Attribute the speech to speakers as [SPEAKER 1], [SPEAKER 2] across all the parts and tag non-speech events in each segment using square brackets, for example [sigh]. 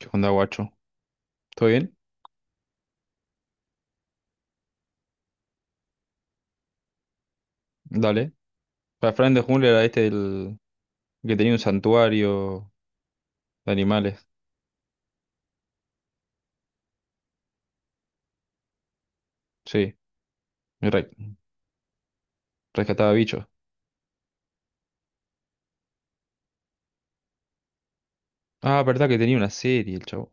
[SPEAKER 1] ¿Qué onda, guacho? ¿Todo bien? Dale. Para Fran de Jungla era el que tenía un santuario de animales. Sí, y rescataba bichos. Ah, verdad que tenía una serie el chavo.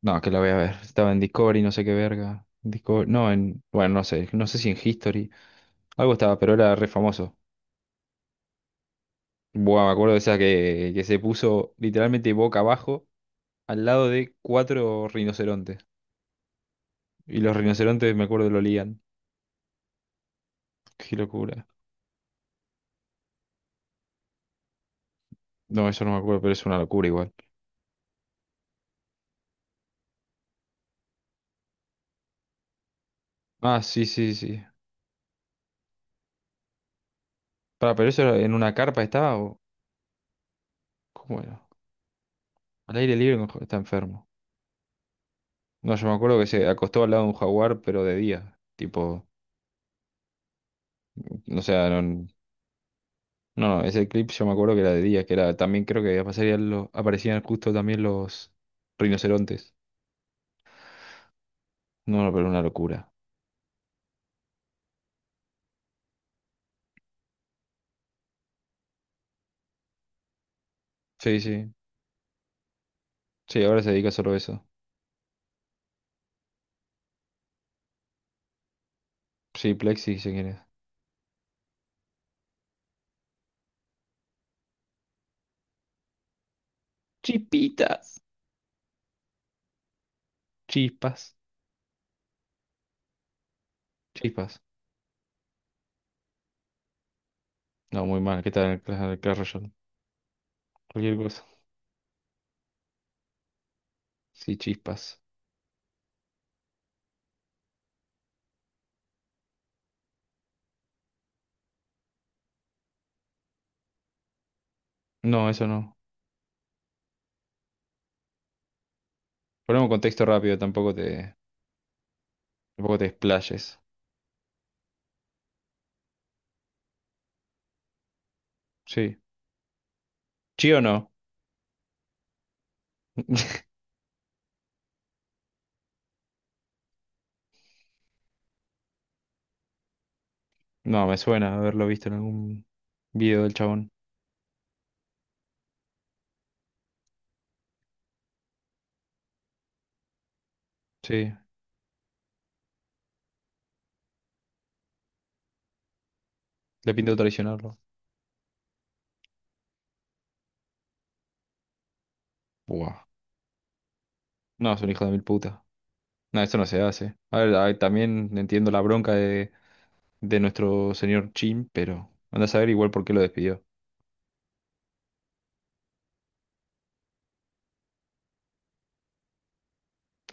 [SPEAKER 1] No, que la voy a ver. Estaba en Discovery, no sé qué verga. Discovery, no, en. Bueno, no sé. No sé si en History. Algo estaba, pero era re famoso. Buah, me acuerdo de esa que se puso literalmente boca abajo al lado de 4 rinocerontes. Y los rinocerontes, me acuerdo, lo olían. Qué locura. No, eso no me acuerdo, pero es una locura igual. Ah, sí, sí, sí. Para, pero eso en una carpa estaba o ¿cómo era? Al aire libre no, está enfermo. No, yo me acuerdo que se acostó al lado de un jaguar, pero de día. Tipo, o sea, no, no, no, ese clip yo me acuerdo que era de día, que era también creo que aparecían aparecían justo también los rinocerontes. No, no, pero una locura. Sí, sí. Sí, ahora se dedica solo a eso. Sí, Plexi, si quieres. Chipitas. Chispas. Chispas. No, muy mal. ¿Qué tal el el Clash Royale? Cualquier cosa. Sí, chispas. No, eso no. Ponemos contexto rápido, tampoco te. Tampoco te explayes. Sí. ¿Sí o no? [laughs] No, me suena haberlo visto en algún video del chabón. Sí, le pinto traicionarlo. Buah. No, es un hijo de mil putas. No, eso no se hace. A ver, también entiendo la bronca de nuestro señor Chin, pero anda a saber igual por qué lo despidió.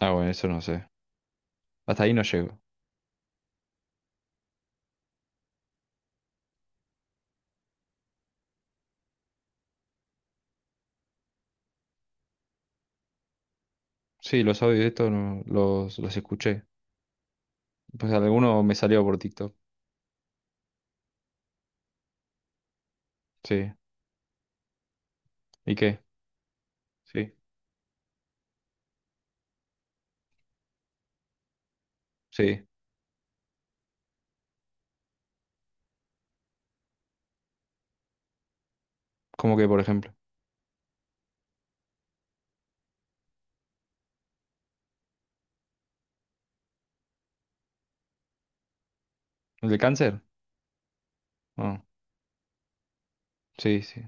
[SPEAKER 1] Ah, bueno, eso no sé. Hasta ahí no llego. Sí, los audios de esto no, los escuché. Pues alguno me salió por TikTok. Sí. ¿Y qué? Sí. Sí. ¿Cómo que, por ejemplo? ¿El de cáncer? Ah, sí, sí.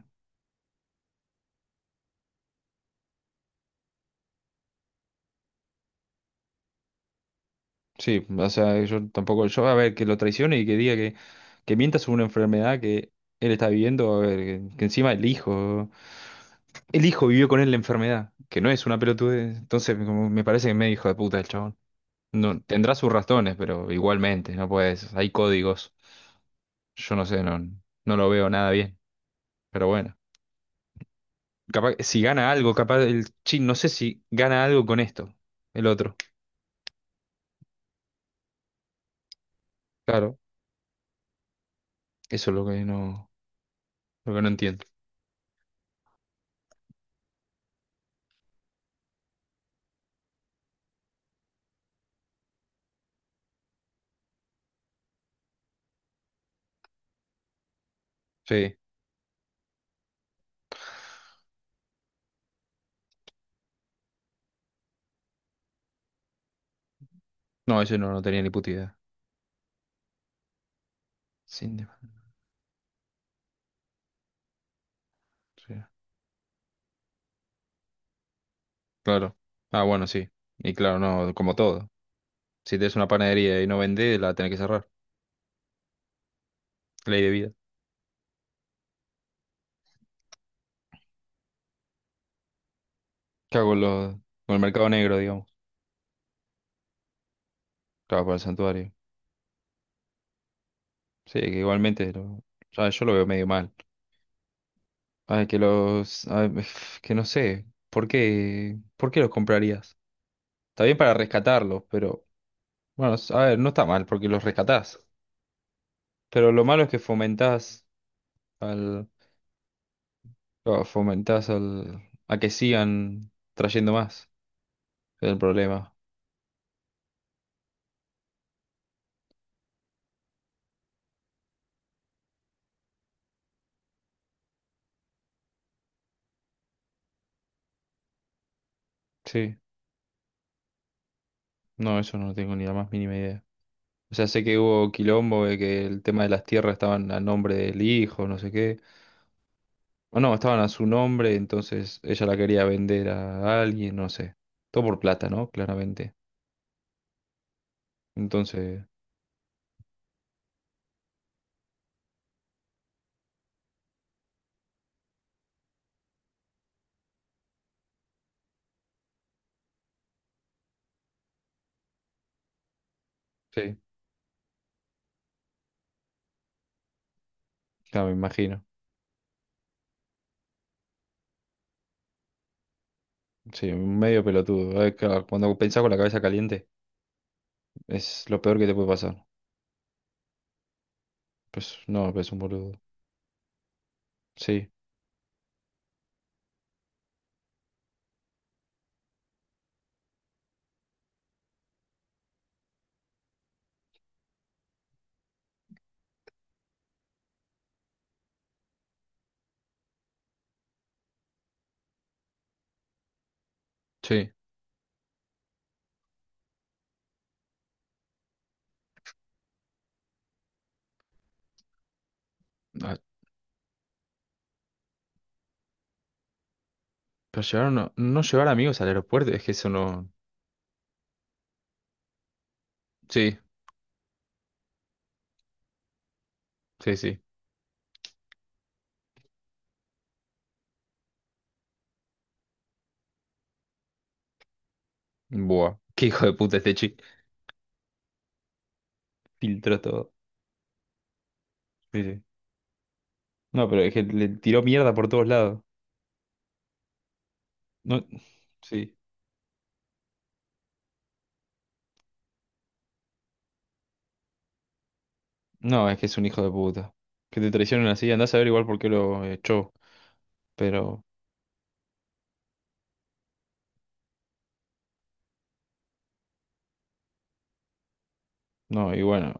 [SPEAKER 1] Sí, o sea, yo tampoco, yo a ver, que lo traicione y que diga que mienta sobre una enfermedad que él está viviendo, a ver, que encima el hijo vivió con él la enfermedad, que no es una pelotudez, entonces como me parece que es medio hijo de puta el chabón. No, tendrá sus razones, pero igualmente, no puedes, hay códigos, yo no sé, no, no lo veo nada bien, pero bueno, capaz, si gana algo, capaz el chin, no sé si gana algo con esto, el otro, claro, eso es lo que no entiendo, sí. No, ese no, no tenía ni puta idea. Sin de- Sí. Claro. Ah, bueno, sí. Y claro, no, como todo. Si tienes una panadería y no vendés, la tenés que cerrar. Ley de vida. ¿Qué hago con, con el mercado negro, digamos? Claro, para el santuario. Sí, que igualmente lo, ya yo lo veo medio mal. Ay, que los... ay, [sighs] que no sé. ¿Por qué? ¿Por qué los comprarías? Está bien para rescatarlos, pero... Bueno, a ver, no está mal porque los rescatás. Pero lo malo es que fomentás. Claro, fomentás al, a que sigan trayendo más. Es el problema. Sí, no, eso no tengo ni la más mínima idea. O sea, sé que hubo quilombo de que el tema de las tierras estaban a nombre del hijo, no sé qué. O no, estaban a su nombre, entonces ella la quería vender a alguien, no sé. Todo por plata, ¿no? Claramente. Entonces, sí, claro, me imagino. Sí, medio pelotudo. Claro, cuando pensás con la cabeza caliente, es lo peor que te puede pasar. Pues no, es un boludo. Sí, sí. Pero llevar no, no llevar amigos al aeropuerto, es que eso no. Sí, sí, sí. Buah. Qué hijo de puta este chico. Filtró todo. Sí, sí. No, pero es que le tiró mierda por todos lados. No, sí. No, es que es un hijo de puta. Que te traicionen así, andás a ver igual por qué lo echó. Pero, no, y bueno.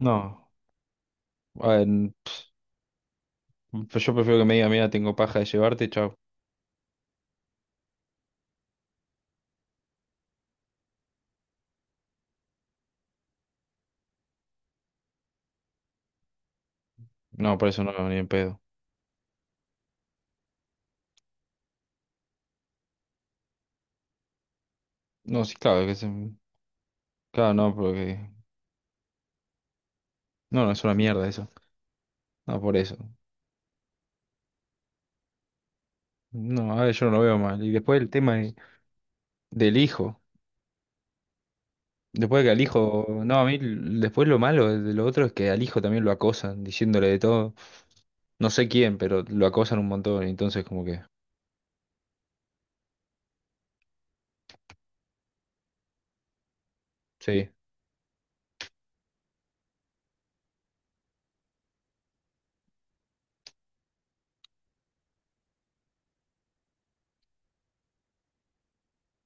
[SPEAKER 1] No. A ver, pues yo prefiero que me diga, mira, tengo paja de llevarte, chao. No, por eso no, ni en pedo. No, sí, claro, que se... Claro, no, porque... No, no, es una mierda eso. No, por eso. No, a ver, yo no lo veo mal. Y después el tema del hijo. Después que al hijo. No, a mí después lo malo de lo otro es que al hijo también lo acosan, diciéndole de todo. No sé quién, pero lo acosan un montón. Y entonces, como que. Sí,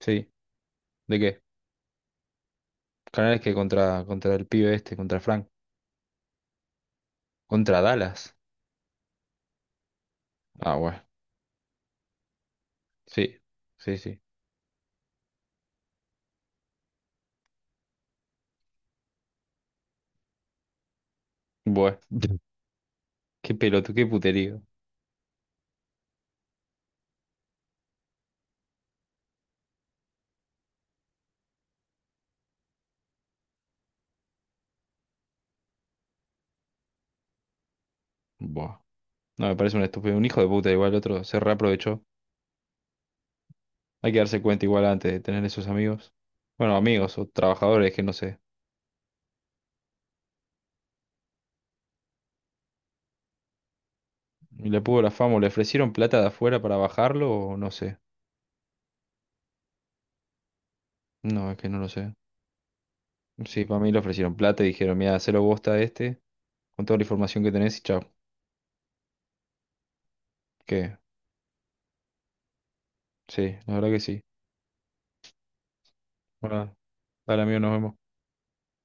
[SPEAKER 1] sí. ¿De qué? Canales que contra el pibe este, contra Frank. Contra Dallas. Ah, bueno. Sí, sí, sí. Bueno. [laughs] Qué pelotudo, qué puterío. Buah. No, me parece un estúpido. Un hijo de puta, igual el otro se reaprovechó. Hay que darse cuenta igual antes de tener esos amigos. Bueno, amigos o trabajadores que no sé. Y le pudo la fama, o le ofrecieron plata de afuera para bajarlo, o no sé. No, es que no lo sé. Sí, para mí le ofrecieron plata y dijeron, mira, hacelo bosta a este, con toda la información que tenés y chao. ¿Qué? Sí, la verdad que sí. Bueno, dale amigo, nos vemos.